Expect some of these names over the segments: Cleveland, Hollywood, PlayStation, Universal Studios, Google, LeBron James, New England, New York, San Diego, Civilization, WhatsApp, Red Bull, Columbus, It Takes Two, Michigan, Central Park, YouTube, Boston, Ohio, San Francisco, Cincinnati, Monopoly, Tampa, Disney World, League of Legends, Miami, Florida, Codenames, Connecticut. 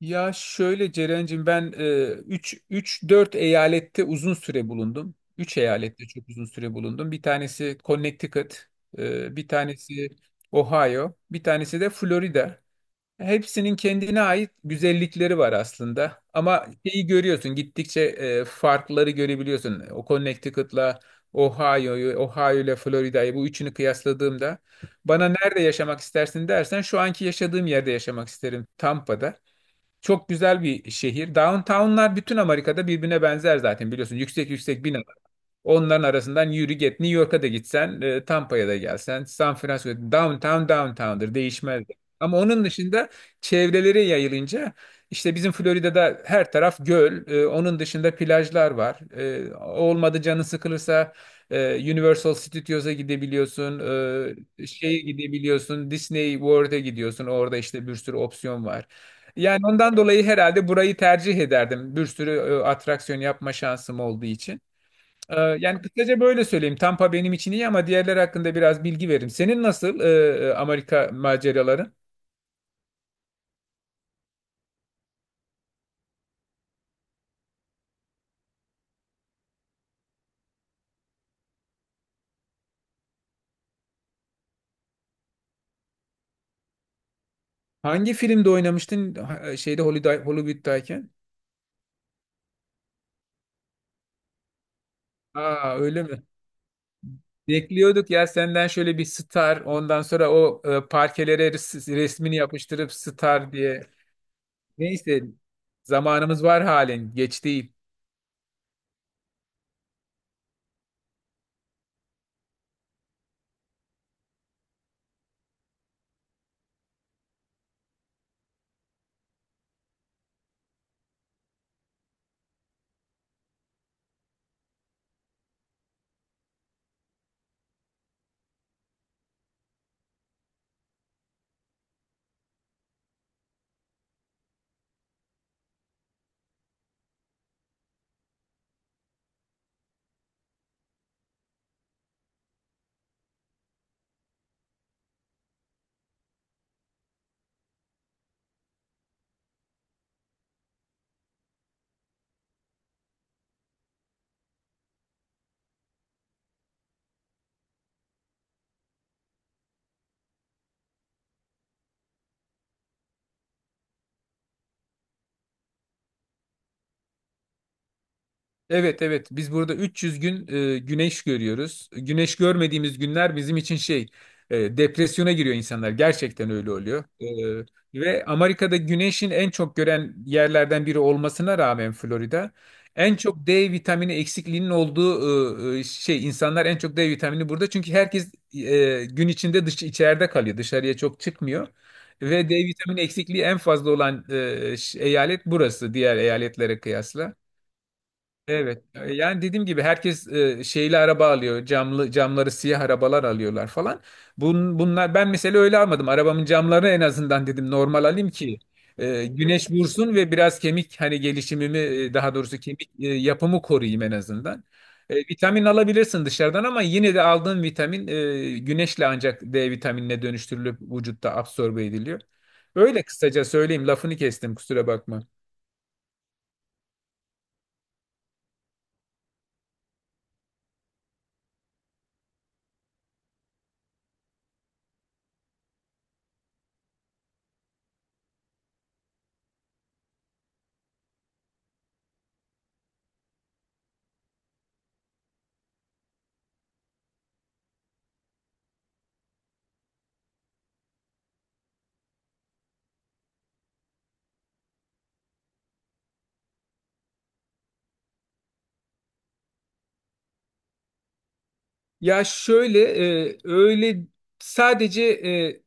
Ya şöyle Ceren'cim ben üç dört eyalette uzun süre bulundum. Üç eyalette çok uzun süre bulundum. Bir tanesi Connecticut, bir tanesi Ohio, bir tanesi de Florida. Hepsinin kendine ait güzellikleri var aslında. Ama şeyi görüyorsun gittikçe farkları görebiliyorsun. O Connecticut'la Ohio'yu, Ohio ile Florida'yı bu üçünü kıyasladığımda bana nerede yaşamak istersin dersen şu anki yaşadığım yerde yaşamak isterim Tampa'da. Çok güzel bir şehir. Downtown'lar bütün Amerika'da birbirine benzer zaten biliyorsun. Yüksek yüksek bina. Onların arasından yürü git. New York'a da gitsen, Tampa'ya da gelsen, San Francisco, downtown downtown'dır, değişmez. Ama onun dışında çevrelere yayılınca işte bizim Florida'da her taraf göl, onun dışında plajlar var. Olmadı canın sıkılırsa Universal Studios'a gidebiliyorsun, şeye gidebiliyorsun, Disney World'e gidiyorsun. Orada işte bir sürü opsiyon var. Yani ondan dolayı herhalde burayı tercih ederdim. Bir sürü atraksiyon yapma şansım olduğu için. Yani kısaca böyle söyleyeyim. Tampa benim için iyi ama diğerleri hakkında biraz bilgi veririm. Senin nasıl Amerika maceraları? Hangi filmde oynamıştın şeyde Hollywood'dayken? Aa, öyle mi? Bekliyorduk ya senden şöyle bir star, ondan sonra o parkelere resmini yapıştırıp star diye. Neyse, zamanımız var halen, geç değil. Evet, evet, biz burada 300 gün güneş görüyoruz. Güneş görmediğimiz günler bizim için şey depresyona giriyor insanlar. Gerçekten öyle oluyor. Ve Amerika'da güneşin en çok gören yerlerden biri olmasına rağmen Florida en çok D vitamini eksikliğinin olduğu şey insanlar en çok D vitamini burada. Çünkü herkes gün içinde dış içeride kalıyor. Dışarıya çok çıkmıyor. Ve D vitamini eksikliği en fazla olan eyalet burası diğer eyaletlere kıyasla. Evet. Yani dediğim gibi herkes şeyli araba alıyor. Camlı camları siyah arabalar alıyorlar falan. Bunlar ben mesela öyle almadım. Arabamın camlarını en azından dedim normal alayım ki güneş vursun ve biraz kemik hani gelişimimi daha doğrusu kemik yapımı koruyayım en azından. Vitamin alabilirsin dışarıdan ama yine de aldığın vitamin güneşle ancak D vitaminine dönüştürülüp vücutta absorbe ediliyor. Öyle kısaca söyleyeyim. Lafını kestim, kusura bakma. Ya şöyle öyle sadece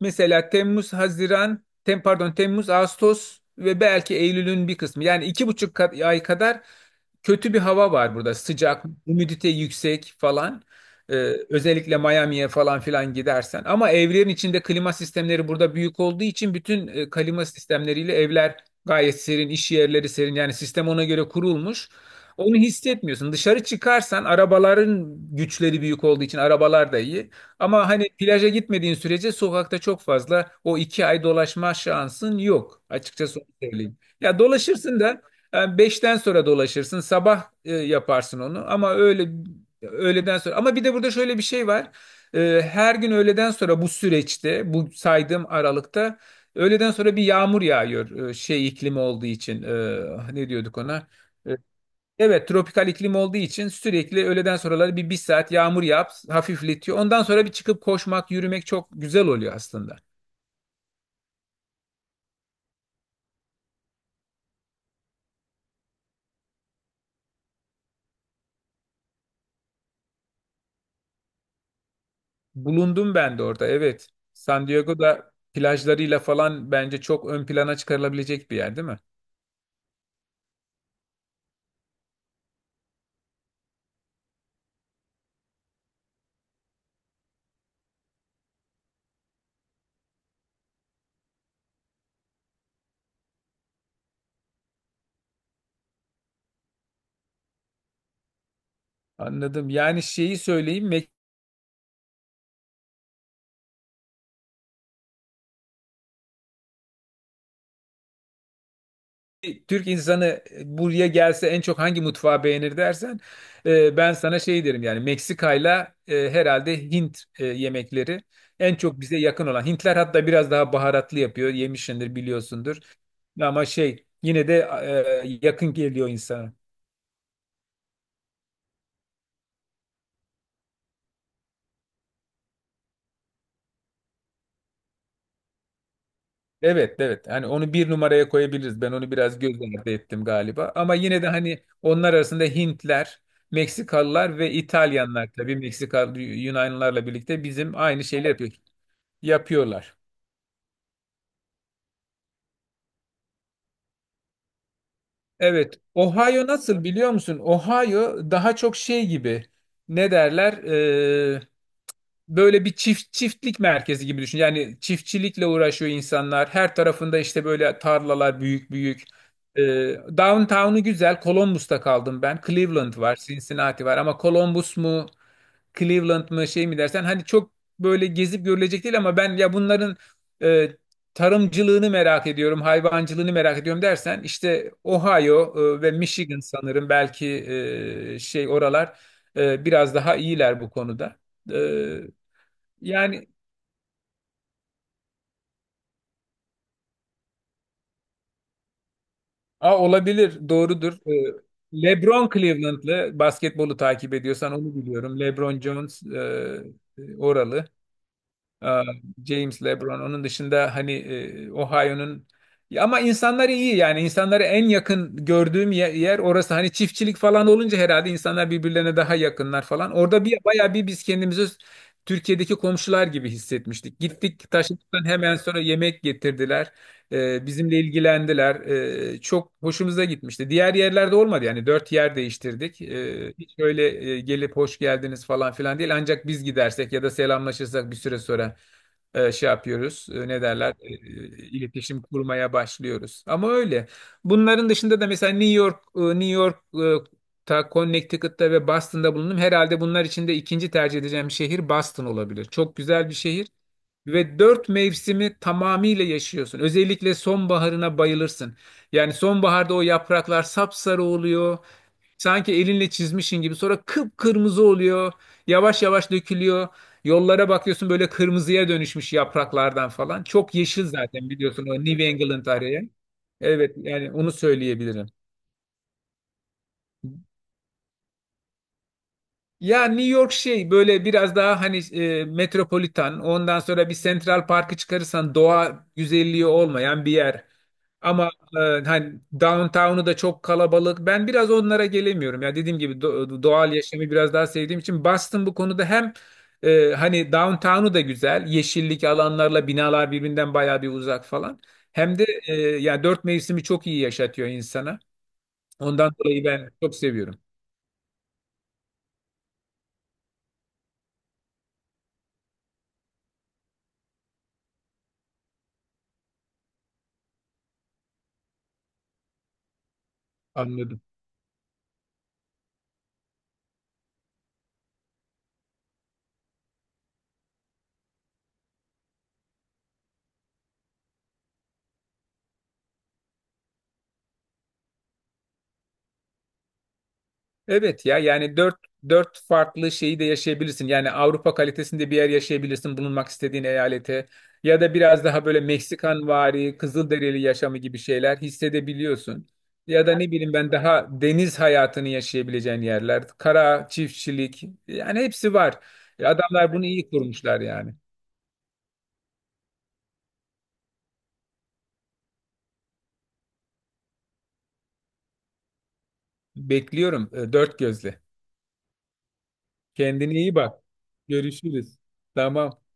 mesela Temmuz, Haziran, pardon Temmuz, Ağustos ve belki Eylül'ün bir kısmı yani 2,5 ay kadar kötü bir hava var burada. Sıcak, humidite yüksek falan. Ee, Özellikle Miami'ye falan filan gidersen. Ama evlerin içinde klima sistemleri burada büyük olduğu için bütün klima sistemleriyle evler gayet serin, iş yerleri serin. Yani sistem ona göre kurulmuş. Onu hissetmiyorsun. Dışarı çıkarsan arabaların güçleri büyük olduğu için arabalar da iyi. Ama hani plaja gitmediğin sürece sokakta çok fazla o 2 ay dolaşma şansın yok. Açıkçası onu söyleyeyim. Ya dolaşırsın da yani 5'ten sonra dolaşırsın, sabah yaparsın onu ama öyle öğleden sonra. Ama bir de burada şöyle bir şey var. Her gün öğleden sonra bu süreçte, bu saydığım aralıkta öğleden sonra bir yağmur yağıyor. Şey iklimi olduğu için ne diyorduk ona? E, Evet, tropikal iklim olduğu için sürekli öğleden sonraları bir saat yağmur yağıp hafifletiyor. Ondan sonra bir çıkıp koşmak, yürümek çok güzel oluyor aslında. Bulundum ben de orada, evet. San Diego'da plajlarıyla falan bence çok ön plana çıkarılabilecek bir yer değil mi? Anladım. Yani şeyi söyleyeyim, Türk insanı buraya gelse en çok hangi mutfağı beğenir dersen ben sana şey derim, yani Meksika'yla herhalde Hint yemekleri en çok bize yakın olan. Hintler hatta biraz daha baharatlı yapıyor. Yemişsindir, biliyorsundur. Ama şey, yine de yakın geliyor insana. Evet, evet, hani onu bir numaraya koyabiliriz. Ben onu biraz göz ardı ettim galiba. Ama yine de hani onlar arasında Hintler, Meksikalılar ve İtalyanlar, tabii Meksika Yunanlılarla birlikte bizim aynı şeyler yapıyor, yapıyorlar. Evet. Ohio nasıl, biliyor musun? Ohio daha çok şey gibi, ne derler? Böyle bir çiftlik merkezi gibi düşün. Yani çiftçilikle uğraşıyor insanlar. Her tarafında işte böyle tarlalar, büyük büyük. Ee, Downtown'u güzel. Columbus'ta kaldım ben. Cleveland var, Cincinnati var, ama Columbus mu, Cleveland mı şey mi dersen hani çok böyle gezip görülecek değil, ama ben ya bunların e, tarımcılığını merak ediyorum, hayvancılığını merak ediyorum dersen işte Ohio ve Michigan sanırım, belki şey, oralar biraz daha iyiler bu konuda. E, Yani a, olabilir, doğrudur. LeBron Cleveland'lı, basketbolu takip ediyorsan onu biliyorum. LeBron Jones oralı. Aa, James LeBron. Onun dışında hani Ohio'nun. Ya ama insanları iyi, yani insanları en yakın gördüğüm yer orası. Hani çiftçilik falan olunca herhalde insanlar birbirlerine daha yakınlar falan. Orada bir bayağı bir biz kendimizi Türkiye'deki komşular gibi hissetmiştik. Gittik, taşıdıktan hemen sonra yemek getirdiler. Bizimle ilgilendiler. Çok hoşumuza gitmişti. Diğer yerlerde olmadı, yani dört yer değiştirdik. Hiç öyle gelip hoş geldiniz falan filan değil. Ancak biz gidersek ya da selamlaşırsak bir süre sonra şey yapıyoruz. Ne derler? İletişim kurmaya başlıyoruz. Ama öyle. Bunların dışında da mesela New York, Ta Connecticut'ta ve Boston'da bulundum. Herhalde bunlar içinde ikinci tercih edeceğim şehir Boston olabilir. Çok güzel bir şehir. Ve dört mevsimi tamamıyla yaşıyorsun. Özellikle sonbaharına bayılırsın. Yani sonbaharda o yapraklar sapsarı oluyor. Sanki elinle çizmişin gibi. Sonra kıpkırmızı oluyor. Yavaş yavaş dökülüyor. Yollara bakıyorsun, böyle kırmızıya dönüşmüş yapraklardan falan. Çok yeşil zaten, biliyorsun o New England araya. Evet, yani onu söyleyebilirim. Ya New York şey, böyle biraz daha hani metropolitan, ondan sonra bir Central Park'ı çıkarırsan doğa güzelliği olmayan bir yer. Ama e, hani downtown'u da çok kalabalık. Ben biraz onlara gelemiyorum. Ya dediğim gibi doğal yaşamı biraz daha sevdiğim için Boston bu konuda hem hani downtown'u da güzel. Yeşillik alanlarla binalar birbirinden bayağı bir uzak falan. Hem de ya dört mevsimi çok iyi yaşatıyor insana. Ondan dolayı ben çok seviyorum. Anladım. Evet ya, yani dört farklı şeyi de yaşayabilirsin. Yani Avrupa kalitesinde bir yer yaşayabilirsin bulunmak istediğin eyalete. Ya da biraz daha böyle Meksikanvari, Kızılderili yaşamı gibi şeyler hissedebiliyorsun. Ya da ne bileyim ben, daha deniz hayatını yaşayabileceğin yerler, kara çiftçilik, yani hepsi var. Adamlar bunu iyi kurmuşlar yani. Bekliyorum dört gözle. Kendine iyi bak. Görüşürüz. Tamam.